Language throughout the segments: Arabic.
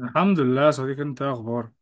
الحمد لله يا صديقي، انت ايه اخبارك؟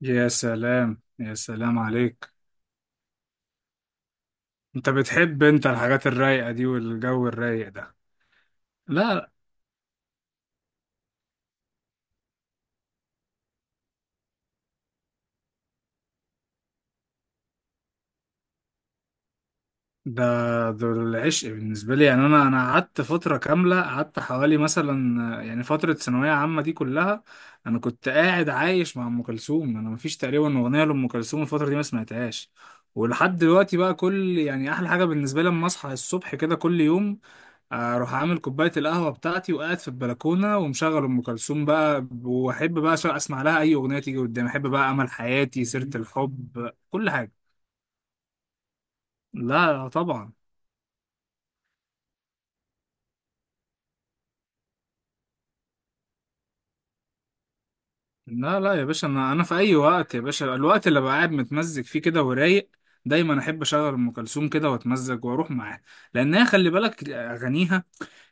يا سلام يا سلام عليك. انت بتحب انت الحاجات الرايقة دي والجو الرايق ده؟ لا، ده ده العشق بالنسبة لي. يعني أنا قعدت فترة كاملة، قعدت حوالي مثلا، يعني فترة ثانوية عامة دي كلها. أنا كنت قاعد عايش مع أم كلثوم، أنا مفيش تقريبا أغنية لأم كلثوم الفترة دي ما سمعتهاش. ولحد دلوقتي بقى كل، يعني أحلى حاجة بالنسبة لي لما أصحى الصبح كده كل يوم، اروح عامل كوبايه القهوه بتاعتي وقاعد في البلكونه ومشغل ام كلثوم بقى، واحب بقى اسمع لها اي اغنيه تيجي قدامي. احب بقى امل حياتي، سيره الحب، كل حاجه. لا طبعا. لا لا يا باشا، انا في اي وقت يا باشا، الوقت اللي بقعد متمزج فيه كده ورايق، دايما احب اشغل ام كلثوم كده واتمزج واروح معاها. لانها خلي بالك اغانيها،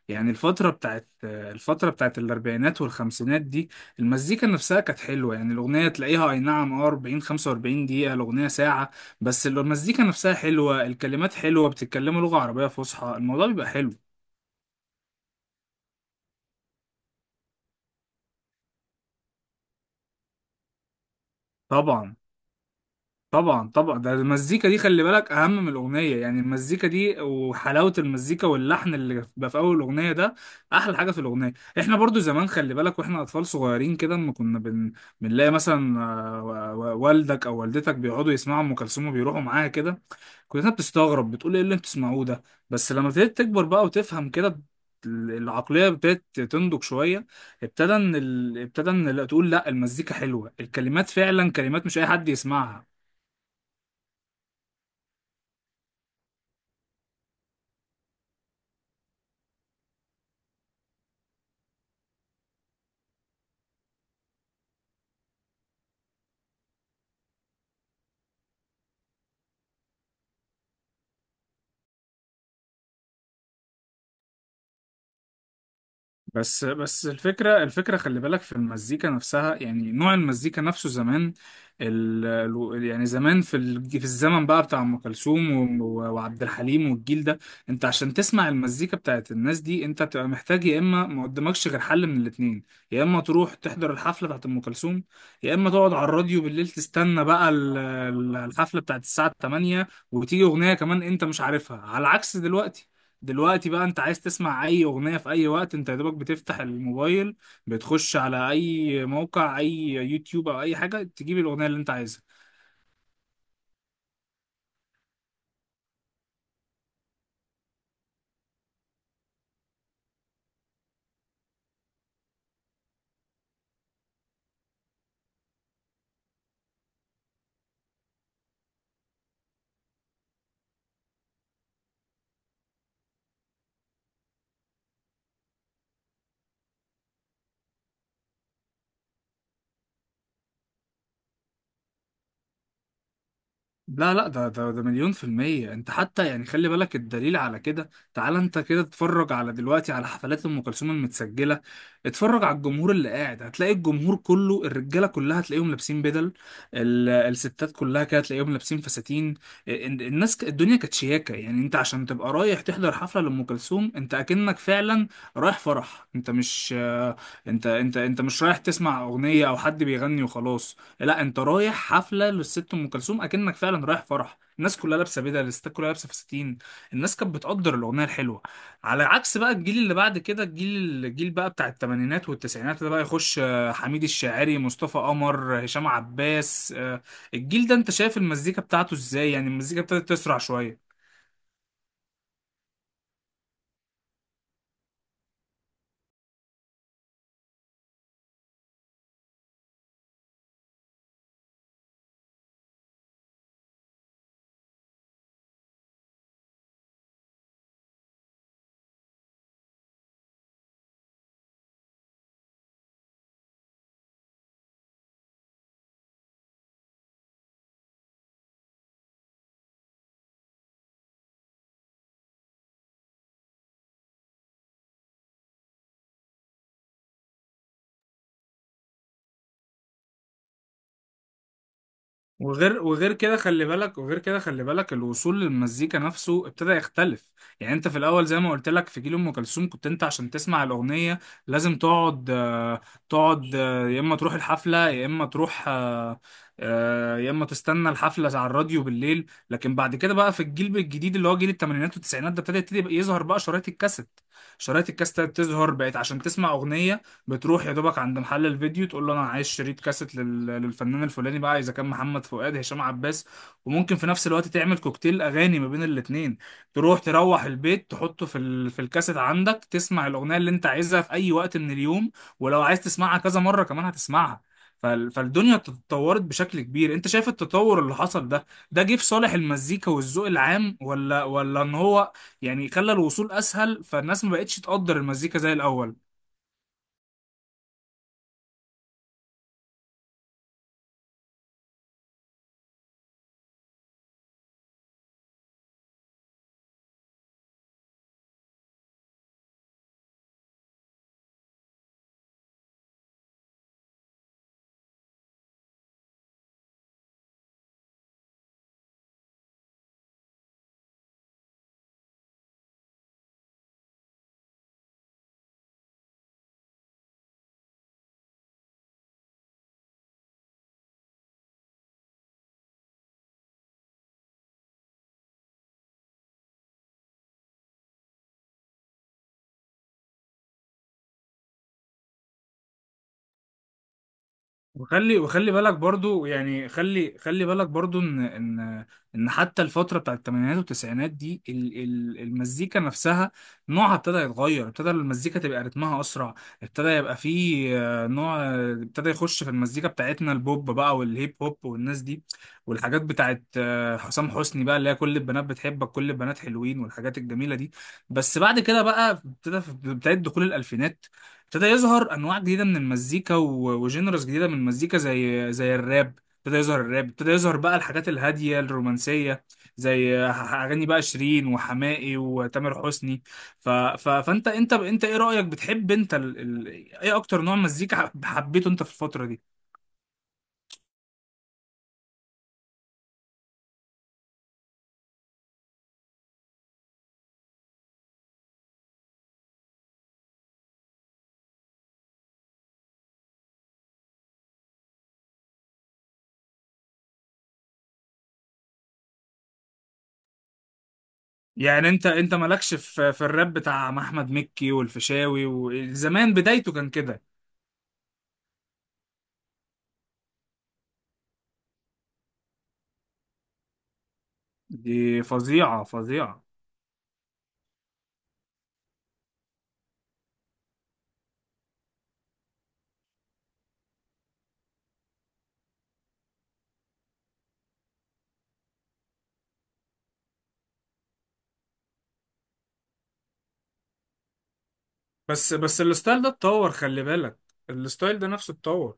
يعني الفتره بتاعت الاربعينات والخمسينات دي، المزيكا نفسها كانت حلوه. يعني الاغنيه تلاقيها اي نعم اه 40 45 دقيقه، الاغنيه ساعه، بس المزيكا نفسها حلوه، الكلمات حلوه، بتتكلموا لغه عربيه فصحى، الموضوع بيبقى حلو. طبعا طبعا طبعا، ده المزيكا دي خلي بالك اهم من الاغنيه. يعني المزيكا دي وحلاوه المزيكا واللحن اللي بيبقى في اول الاغنيه ده احلى حاجه في الاغنيه. احنا برضو زمان، خلي بالك واحنا اطفال صغيرين كده، اما بنلاقي مثلا، والدك او والدتك بيقعدوا يسمعوا ام كلثوم وبيروحوا معاها كده، كلنا بتستغرب بتقول ايه اللي انتوا بتسمعوه ده. بس لما ابتديت تكبر بقى وتفهم كده، العقلية ابتدت تنضج شوية، ابتدى ان، لا تقول لا المزيكا حلوة، الكلمات فعلا كلمات مش اي حد يسمعها. بس الفكرة، خلي بالك في المزيكا نفسها، يعني نوع المزيكا نفسه زمان. ال... يعني زمان في الزمن بقى بتاع أم كلثوم وعبد الحليم والجيل ده، انت عشان تسمع المزيكا بتاعت الناس دي انت بتبقى محتاج، يا اما ما قدامكش غير حل من الاتنين، يا اما تروح تحضر الحفلة بتاعت أم كلثوم، يا اما تقعد على الراديو بالليل تستنى بقى الحفلة بتاعت الساعة 8، وتيجي أغنية كمان انت مش عارفها. على عكس دلوقتي، دلوقتي بقى انت عايز تسمع اي اغنية في اي وقت، انت يا دوبك بتفتح الموبايل، بتخش على اي موقع، اي يوتيوب او اي حاجة، تجيب الاغنية اللي انت عايزها. لا لا، ده مليون في المية. انت حتى يعني خلي بالك، الدليل على كده، تعال انت كده اتفرج على دلوقتي على حفلات ام كلثوم المتسجلة، اتفرج على الجمهور اللي قاعد، هتلاقي الجمهور كله، الرجالة كلها هتلاقيهم لابسين بدل، الستات كلها كده هتلاقيهم لابسين فساتين. الدنيا كانت شياكة. يعني انت عشان تبقى رايح تحضر حفلة لأم كلثوم، انت اكنك فعلا رايح فرح. انت مش رايح تسمع أغنية او حد بيغني وخلاص، لا انت رايح حفله للست ام كلثوم، اكنك فعلا رايح فرح، الناس كلها لابسه بدل، الستات كلها لابسه فساتين، الناس كانت بتقدر الاغنيه الحلوه. على عكس بقى الجيل اللي بعد كده، الجيل بقى بتاع الثمانينات والتسعينات ده بقى يخش، حميد الشاعري، مصطفى قمر، هشام عباس، الجيل ده انت شايف المزيكا بتاعته ازاي؟ يعني المزيكا ابتدت تسرع شويه. وغير كده خلي بالك الوصول للمزيكا نفسه ابتدى يختلف. يعني انت في الاول زي ما قلت لك في جيل ام كلثوم، كنت انت عشان تسمع الاغنيه لازم تقعد، تقعد، يا اما تروح الحفله، يا اما تروح، يا اما تستنى الحفله على الراديو بالليل. لكن بعد كده بقى في الجيل الجديد اللي هو جيل الثمانينات والتسعينات ده، ابتدى يظهر بقى شرايط الكاسيت. شرايط الكاسيت بتظهر، بقت عشان تسمع اغنيه بتروح يا دوبك عند محل الفيديو تقول له انا عايز شريط كاسيت للفنان الفلاني بقى، اذا كان محمد فؤاد، هشام عباس، وممكن في نفس الوقت تعمل كوكتيل اغاني ما بين الاتنين. تروح البيت تحطه في الكاسيت عندك، تسمع الاغنيه اللي انت عايزها في اي وقت من اليوم، ولو عايز تسمعها كذا مره كمان هتسمعها. فالدنيا تطورت بشكل كبير. انت شايف التطور اللي حصل ده، ده جه في صالح المزيكا والذوق العام ولا ان هو يعني خلى الوصول اسهل فالناس ما بقتش تقدر المزيكا زي الاول؟ وخلي وخلي بالك برضو يعني خلي خلي بالك برضو ان ان حتى الفتره بتاعت الثمانينات والتسعينات دي، المزيكا نفسها نوعها ابتدى يتغير، ابتدى المزيكا تبقى رتمها اسرع، ابتدى يبقى فيه، نوع، ابتدى يخش في المزيكا بتاعتنا البوب بقى والهيب هوب والناس دي، والحاجات بتاعت، حسام حسني بقى اللي هي كل البنات بتحبك، كل البنات حلوين، والحاجات الجميله دي. بس بعد كده بقى ابتدى في بدايه دخول الالفينات، ابتدى يظهر انواع جديده من المزيكا وجينرز جديده من المزيكا، زي الراب، ابتدى يظهر الراب، ابتدى يظهر بقى الحاجات الهاديه الرومانسيه، زي اغاني بقى شيرين وحماقي وتامر حسني. فانت انت ايه رايك؟ بتحب انت ال... ايه اكتر نوع مزيكا حبيته انت في الفتره دي؟ يعني انت مالكش في في الراب بتاع احمد مكي والفيشاوي وزمان بدايته كان كده؟ دي فظيعه فظيعه. بس الستايل ده اتطور خلي بالك، الستايل ده نفسه اتطور.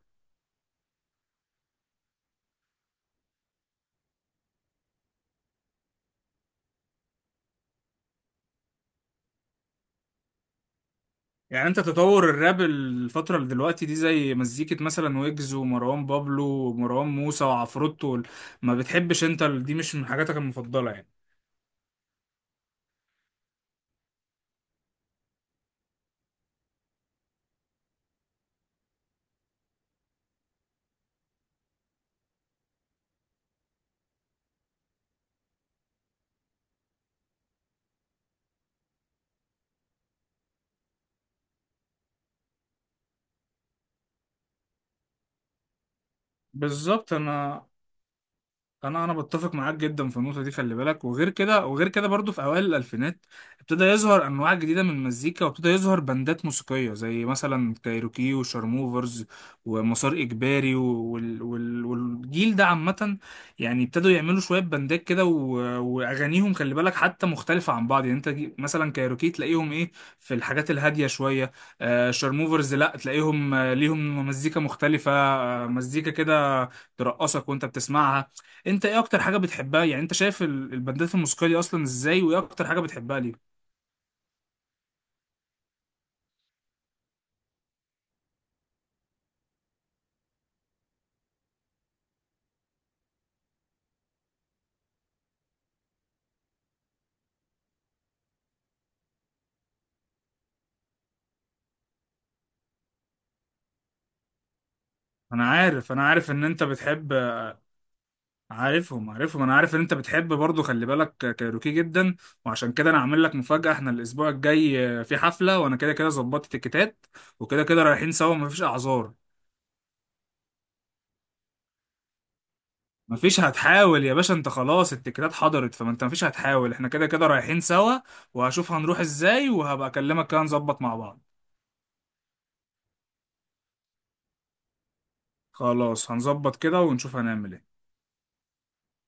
يعني انت تطور الراب الفترة اللي دلوقتي دي زي مزيكة مثلا ويجز ومروان بابلو ومروان موسى وعفروتو ما بتحبش انت دي مش من حاجاتك المفضلة يعني؟ بالظبط. انا انا بتفق معاك جدا في النقطه دي. خلي بالك وغير كده، برضو في اوائل الالفينات ابتدى يظهر انواع جديده من المزيكا، وابتدى يظهر بندات موسيقيه زي مثلا كايروكي وشارموفرز ومسار اجباري والجيل ده عامه، يعني ابتدوا يعملوا شويه بندات كده، واغانيهم خلي بالك حتى مختلفه عن بعض. يعني انت مثلا كايروكي تلاقيهم ايه؟ في الحاجات الهاديه شويه. آه شارموفرز لا، تلاقيهم، ليهم مزيكا مختلفه، مزيكا كده ترقصك وانت بتسمعها. انت ايه اكتر حاجه بتحبها؟ يعني انت شايف البندات الموسيقيه دي اصلا ازاي، وايه اكتر حاجه بتحبها ليه؟ انا عارف، ان انت بتحب. عارفهم، انا عارف ان انت بتحب برضو خلي بالك كايروكي جدا، وعشان كده انا عامل لك مفاجاه، احنا الاسبوع الجاي، في حفله وانا كده كده ظبطت التيكيتات، وكده كده رايحين سوا، مفيش اعذار. مفيش هتحاول يا باشا انت، خلاص التيكيتات حضرت، فما انت مفيش هتحاول، احنا كده كده رايحين سوا. وهشوف هنروح ازاي، وهبقى اكلمك كده نظبط مع بعض. خلاص هنظبط كده ونشوف هنعمل ايه.